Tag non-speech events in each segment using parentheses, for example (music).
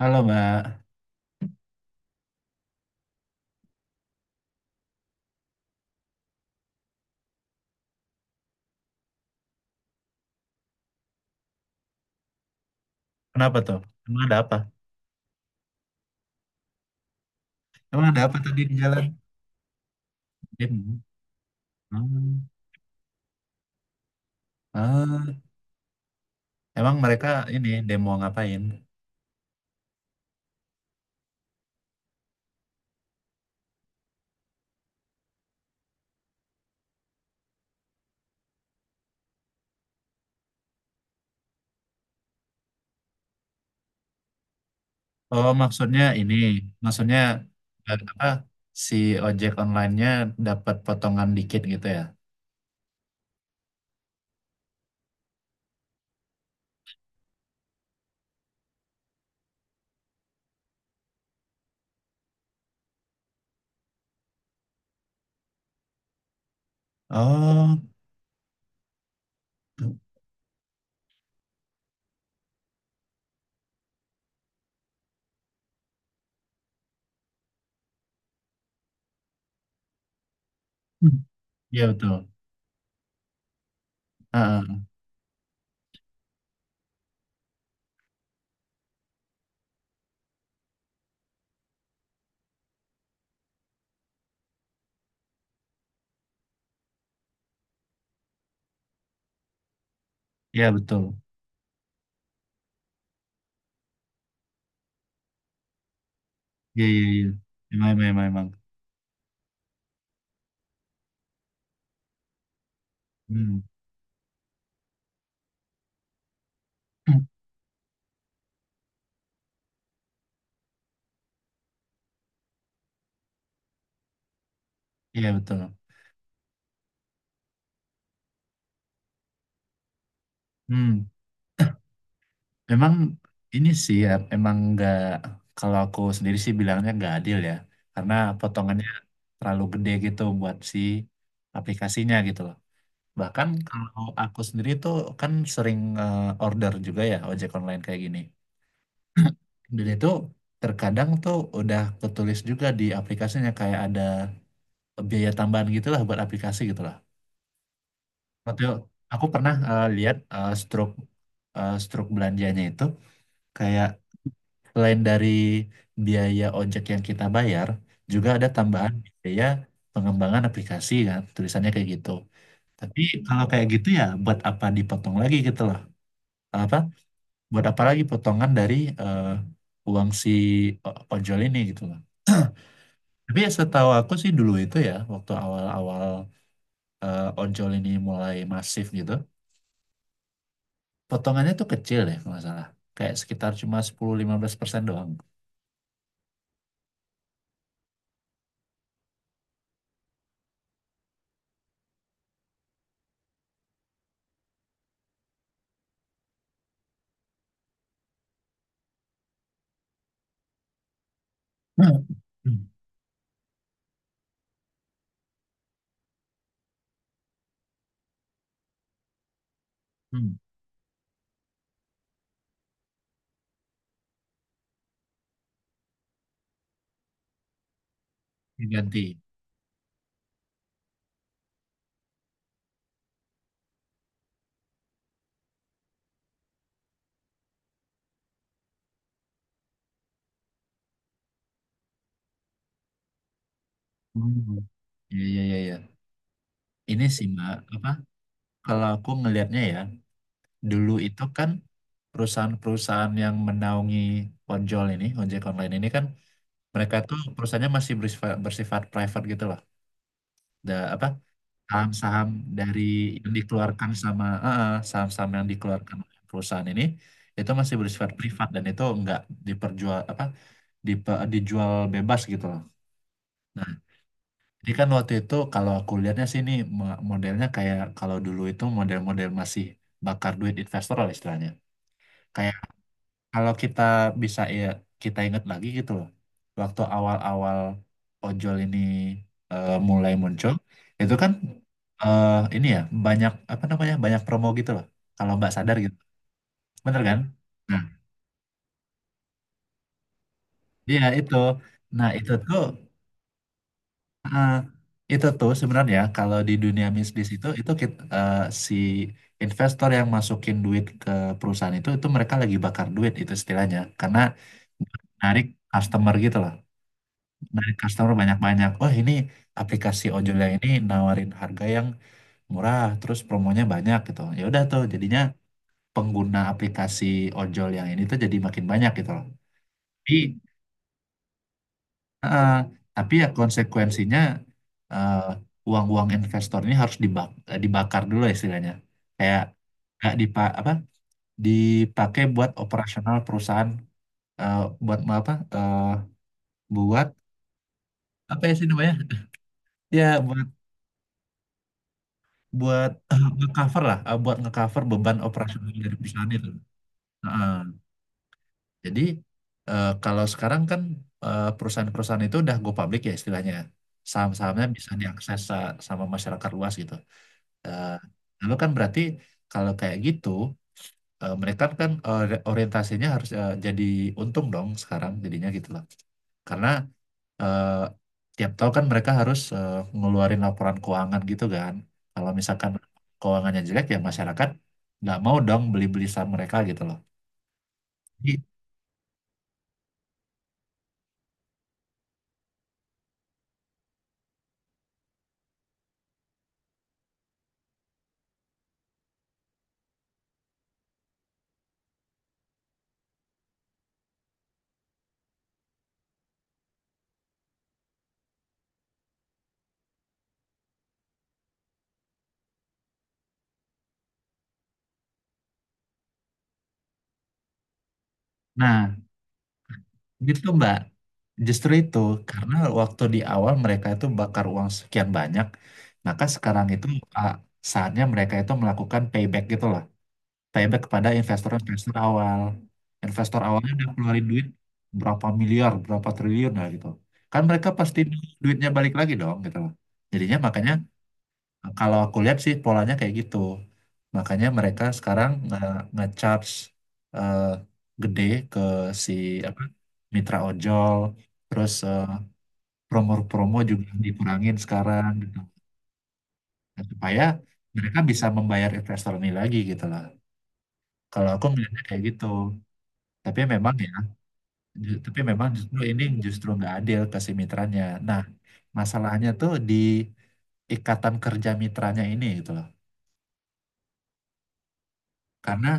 Halo Mbak, Kenapa tuh? Emang ada apa? Emang ada apa tadi di jalan? Demo. Hmm. Ah, emang mereka ini demo ngapain? Oh, maksudnya ini, maksudnya apa? Si ojek online-nya dapat potongan dikit gitu ya? Oh, Hmm. iya betul. Ah, ah. iya betul. Iya, iya, iya. Emang, emang, emang, emang. Hmm. (clears throat) Iya betul. Hmm. Memang ini sih ya, emang nggak, kalau aku sendiri sih bilangnya nggak adil ya, karena potongannya terlalu gede gitu buat si aplikasinya gitu loh. Bahkan kalau aku sendiri tuh kan sering order juga ya ojek online kayak gini. Dan itu terkadang tuh udah ketulis juga di aplikasinya kayak ada biaya tambahan gitu lah buat aplikasi gitu lah. Waktu aku pernah lihat struk belanjanya itu. kayak, selain dari biaya ojek yang kita bayar, juga ada tambahan biaya pengembangan aplikasi kan, tulisannya kayak gitu. Tapi kalau kayak gitu ya buat apa dipotong lagi gitu loh. Apa? Buat apa lagi potongan dari eh, uang si ojol ini gitu loh. Tapi ya setahu aku sih dulu itu ya, waktu awal-awal ojol ini mulai masif gitu, potongannya tuh kecil deh kalau nggak salah. Kayak sekitar cuma 10-15% doang. Hmm. Hmm. Hmm. Diganti. Hmm. Iya, iya, iya, iya. Ini sih, Mbak, apa? Kalau aku ngelihatnya ya, dulu itu kan perusahaan-perusahaan yang menaungi ojol ini, ojek online ini kan, mereka tuh perusahaannya masih bersifat private gitu loh. Da, apa? Saham-saham dari yang dikeluarkan sama, saham-saham yang dikeluarkan oleh perusahaan ini, itu masih bersifat privat dan itu nggak diperjual, apa? Dijual bebas gitu loh. Nah, ini kan waktu itu kalau aku lihatnya sih ini modelnya kayak kalau dulu itu model-model masih bakar duit investor lah istilahnya. Kayak kalau kita bisa ya, kita ingat lagi gitu loh. Waktu awal-awal ojol ini mulai muncul, itu kan eh, ini ya banyak apa namanya banyak promo gitu loh. Kalau Mbak sadar gitu, bener kan? Nah, iya itu. Nah itu tuh eh, sebenarnya kalau di dunia bisnis itu si investor yang masukin duit ke perusahaan itu mereka lagi bakar duit itu istilahnya karena narik customer gitu loh, narik customer banyak-banyak. Oh, ini aplikasi ojol yang ini nawarin harga yang murah terus promonya banyak gitu, ya udah tuh jadinya pengguna aplikasi ojol yang ini tuh jadi makin banyak gitu loh. Eh, tapi ya konsekuensinya eh, uang-uang investor ini harus dibakar dulu ya istilahnya. Kayak nggak apa, dipakai buat operasional perusahaan, eh, buat mau apa, buat apa ya sih namanya? (laughs) Ya buat buat eh, ngecover lah, buat ngecover beban operasional dari perusahaan itu. Heeh. Jadi kalau sekarang kan perusahaan-perusahaan itu udah go public ya istilahnya. Saham-sahamnya bisa diakses sama masyarakat luas gitu. Eh, lalu kan berarti kalau kayak gitu mereka kan orientasinya harus jadi untung dong sekarang jadinya gitu loh. Karena eh, tiap tahun kan mereka harus ngeluarin laporan keuangan gitu kan. Kalau misalkan keuangannya jelek ya masyarakat nggak mau dong beli-beli saham mereka gitu loh. Jadi- Nah, gitu Mbak. Justru itu, karena waktu di awal mereka itu bakar uang sekian banyak, maka sekarang itu ah, saatnya mereka itu melakukan payback gitu loh. Payback kepada investor-investor awal. Investor awalnya udah keluarin duit berapa miliar, berapa triliun lah gitu. Kan mereka pasti duitnya balik lagi dong gitu loh. Jadinya makanya kalau aku lihat sih polanya kayak gitu. Makanya mereka sekarang nge-charge eh, gede ke si apa mitra ojol, terus promo-promo juga dikurangin sekarang gitu. Nah, supaya mereka bisa membayar investor ini lagi gitu lah. Kalau aku melihatnya kayak gitu. Tapi memang ya, tapi memang justru ini justru nggak adil kasih mitranya. Nah, masalahnya tuh di ikatan kerja mitranya ini gitu loh. Karena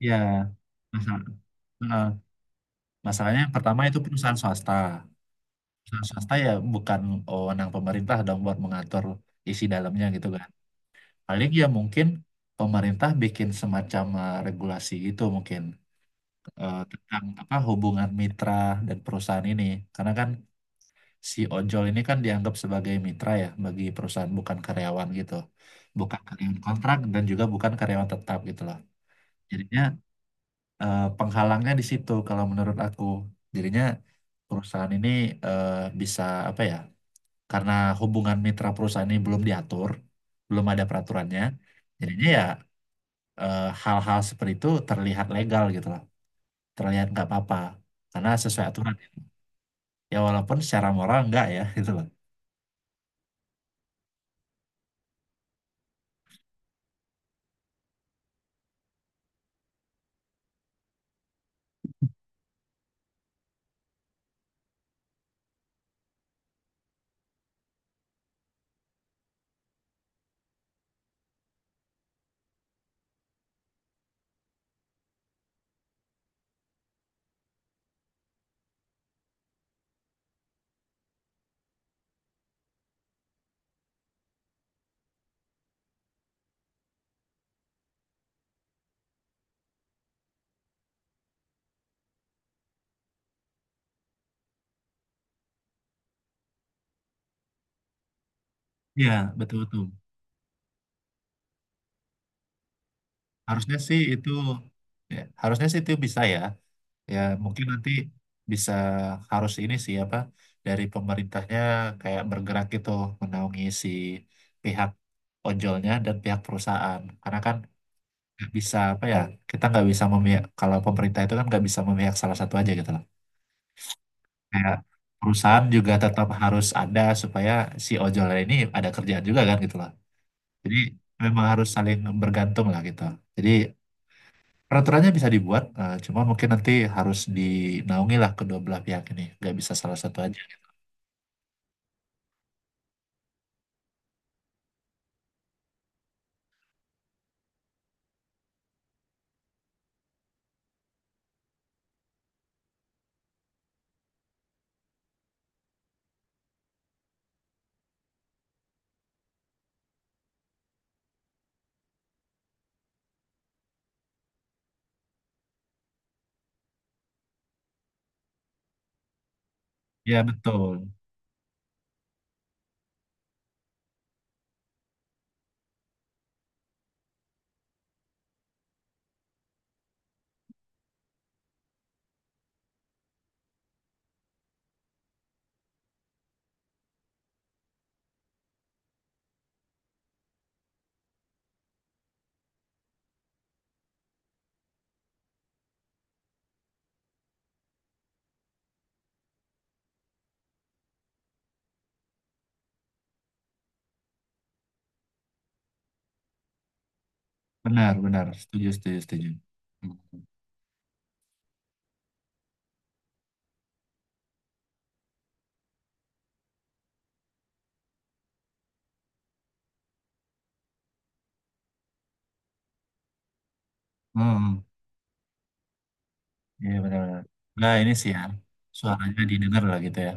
ya masalah, eh, masalahnya yang pertama itu perusahaan swasta. Perusahaan swasta ya bukan wewenang pemerintah dong buat mengatur isi dalamnya gitu kan. Paling ya mungkin pemerintah bikin semacam regulasi gitu, mungkin tentang apa hubungan mitra dan perusahaan ini. Karena kan si ojol ini kan dianggap sebagai mitra ya bagi perusahaan, bukan karyawan gitu. Bukan karyawan kontrak dan juga bukan karyawan tetap gitu loh. Jadinya penghalangnya di situ kalau menurut aku. Jadinya perusahaan ini eh, bisa, apa ya? Karena hubungan mitra perusahaan ini belum diatur, belum ada peraturannya. Jadinya ya hal-hal seperti itu terlihat legal gitu loh. Terlihat nggak apa-apa karena sesuai aturan. Ya walaupun secara moral nggak ya (laughs) gitu loh. Iya, betul-betul. Harusnya sih itu ya, harusnya sih itu bisa ya. Ya mungkin nanti bisa, harus ini sih apa, dari pemerintahnya kayak bergerak gitu menaungi si pihak ojolnya dan pihak perusahaan. Karena kan nggak bisa apa ya, kita nggak bisa memihak, kalau pemerintah itu kan nggak bisa memihak salah satu aja gitu loh. Kayak perusahaan juga tetap harus ada supaya si ojolnya ini ada kerjaan juga kan gitu loh. Jadi memang harus saling bergantung lah gitu. Jadi peraturannya bisa dibuat, cuma mungkin nanti harus dinaungi lah kedua belah pihak ini. Nggak bisa salah satu aja. Ya, betul. Benar, benar. Setuju, setuju, setuju. Hmm, hmm, iya benar, benar. Nah, ini sih ya. Suaranya didengar lah gitu ya.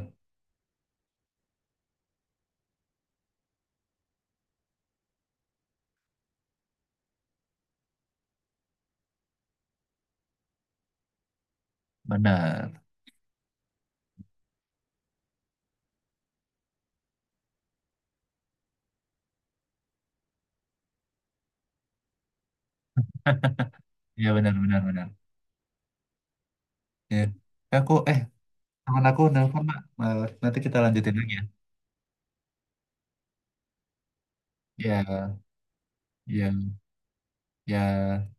Benar. Iya, benar, benar, benar. Ya. Aku, eh, teman aku nelfon, Mbak. Nanti kita lanjutin lagi ya. Ya, ya, ya.